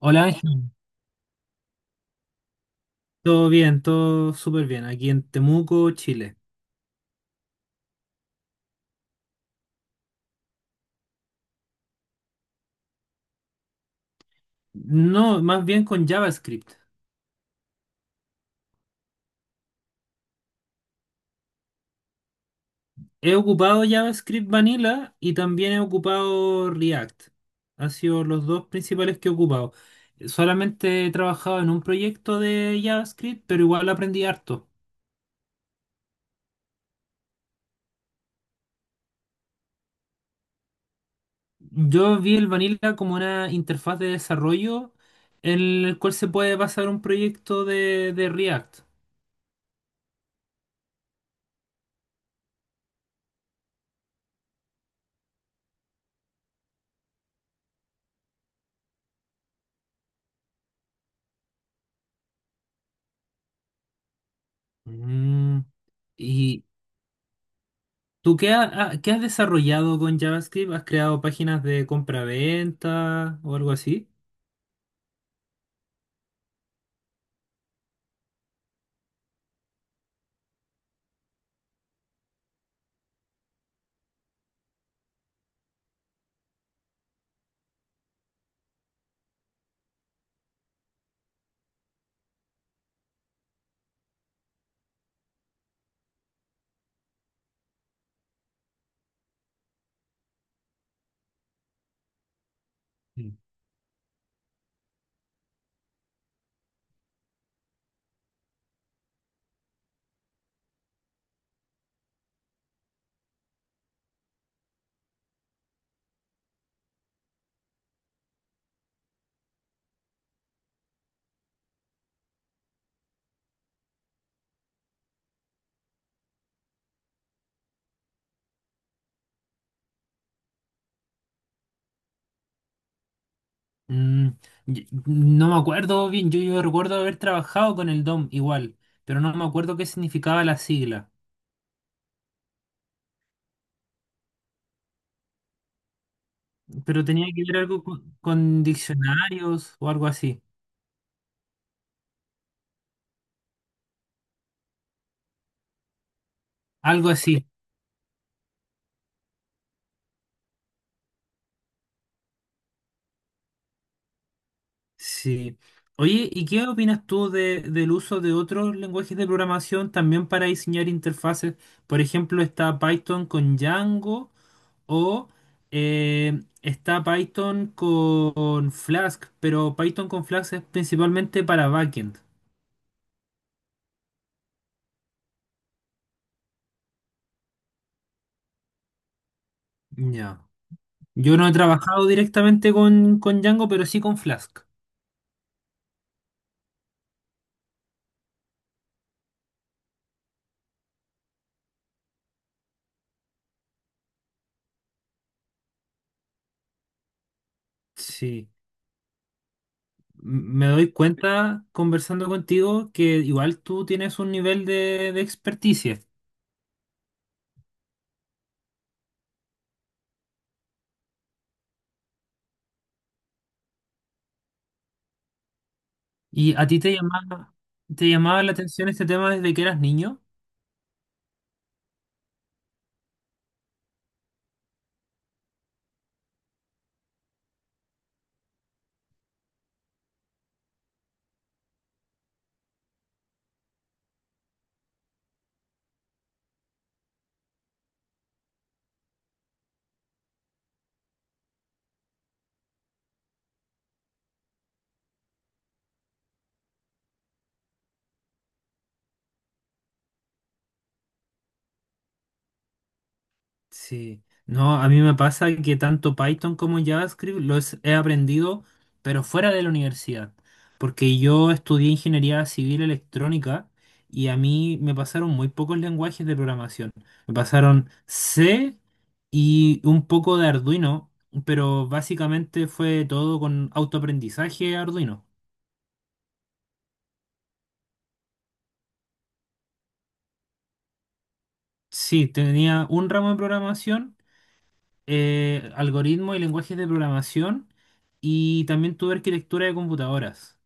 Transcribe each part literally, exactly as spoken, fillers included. Hola Ángel, todo bien, todo súper bien, aquí en Temuco, Chile. No, más bien con JavaScript. He ocupado JavaScript Vanilla y también he ocupado React. Han sido los dos principales que he ocupado. Solamente he trabajado en un proyecto de JavaScript, pero igual aprendí harto. Yo vi el Vanilla como una interfaz de desarrollo en el cual se puede pasar un proyecto de, de React. Mm. ¿Tú qué, ha- ha- qué has desarrollado con JavaScript? ¿Has creado páginas de compra-venta o algo así? Sí. Mm, y- no me acuerdo bien. Yo, yo recuerdo haber trabajado con el D O M igual, pero no me acuerdo qué significaba la sigla. Pero tenía que ver algo con, con diccionarios o algo así. Algo así, sí. Oye, ¿y qué opinas tú de- del uso de otros lenguajes de programación también para diseñar interfaces? Por ejemplo, está Python con Django. O eh, está Python con Flask, pero Python con Flask es principalmente para backend. Ya. Yo no he trabajado directamente con, con Django, pero sí con Flask. Sí. M- Me doy cuenta conversando contigo que igual tú tienes un nivel de, de experticia. ¿Y a ti te llamaba, te llamaba la atención este tema desde que eras niño? Sí, no, a mí me pasa que tanto Python como JavaScript los he aprendido, pero fuera de la universidad, porque yo estudié ingeniería civil electrónica y a mí me pasaron muy pocos lenguajes de programación. Me pasaron C y un poco de Arduino, pero básicamente fue todo con autoaprendizaje Arduino. Sí, tenía un ramo de programación, eh, algoritmos y lenguajes de programación, y también tuve arquitectura de computadoras.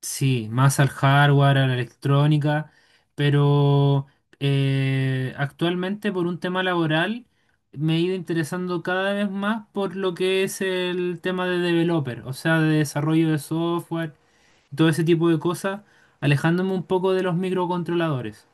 Sí, más al hardware, a la electrónica, pero eh, actualmente por un tema laboral me he ido interesando cada vez más por lo que es el tema de developer, o sea, de desarrollo de software, todo ese tipo de cosas, alejándome un poco de los microcontroladores.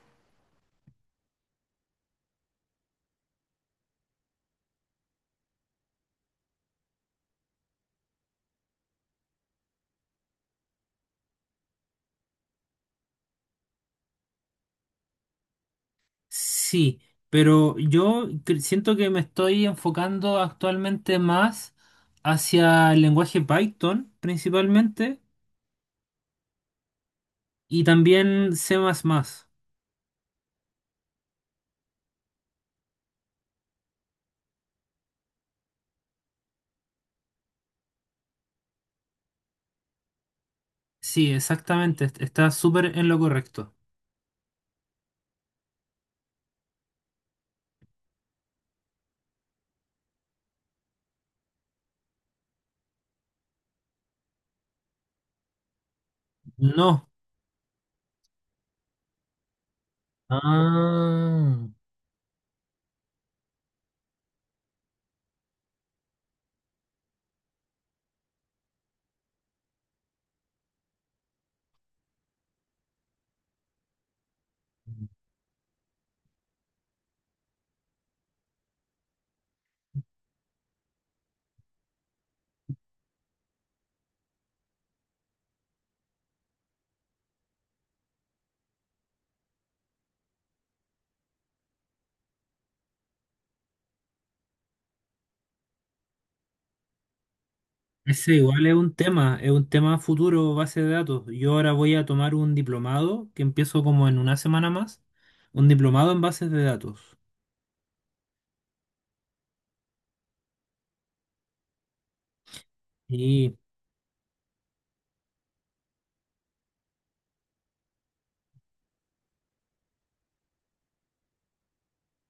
Sí, pero yo cre- siento que me estoy enfocando actualmente más hacia el lenguaje Python principalmente y también C++. Sí, exactamente, est- está súper en lo correcto. No. Ah, ese igual es un tema, es un tema futuro, base de datos. Yo ahora voy a tomar un diplomado que empiezo como en una semana más, un diplomado en bases de datos. Y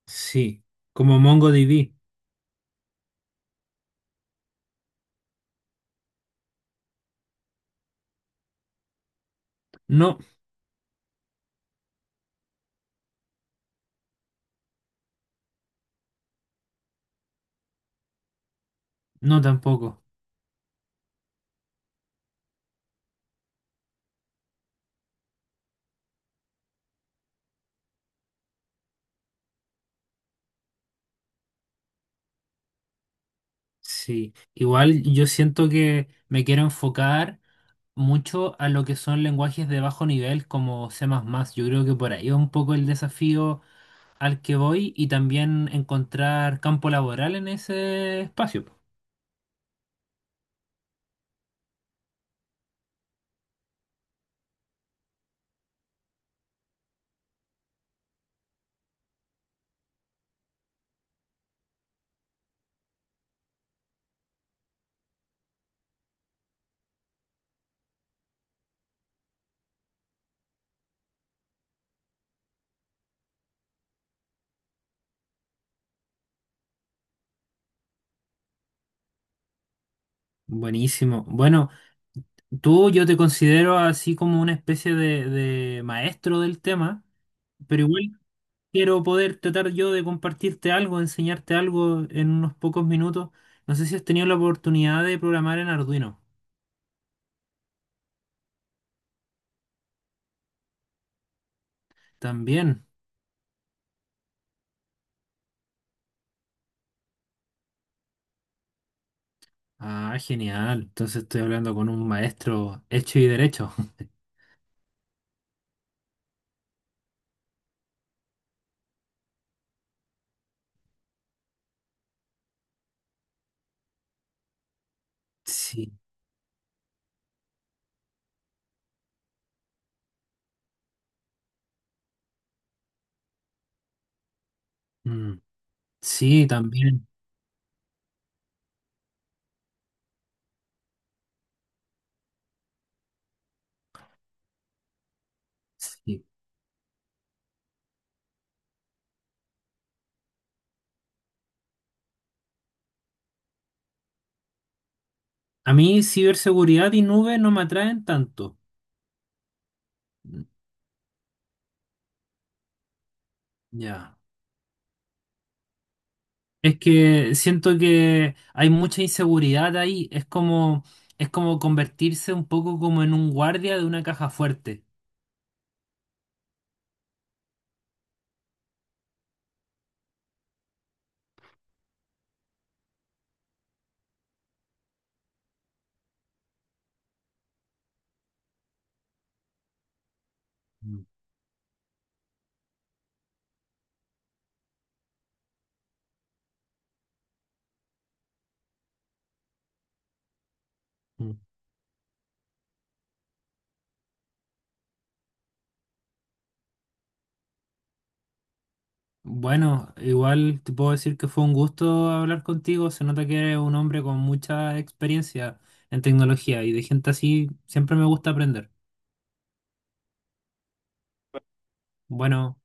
sí, como MongoDB. No, no tampoco. Sí, igual yo siento que me quiero enfocar mucho a lo que son lenguajes de bajo nivel como C++. Yo creo que por ahí es un poco el desafío al que voy y también encontrar campo laboral en ese espacio. Buenísimo. Bueno, tú yo te considero así como una especie de, de maestro del tema, pero igual quiero poder tratar yo de compartirte algo, enseñarte algo en unos pocos minutos. No sé si has tenido la oportunidad de programar en Arduino. También. Ah, genial. Entonces estoy hablando con un maestro hecho y derecho. Sí, mm, sí, también. Sí. A mí ciberseguridad y nube no me atraen tanto. Mm. Ya. Es que siento que hay mucha inseguridad ahí. Es como, es como convertirse un poco como en un guardia de una caja fuerte. Mm. Bueno, igual te puedo decir que fue un gusto hablar contigo. Se nota que eres un hombre con mucha experiencia en tecnología y de gente así siempre me gusta aprender. Bueno.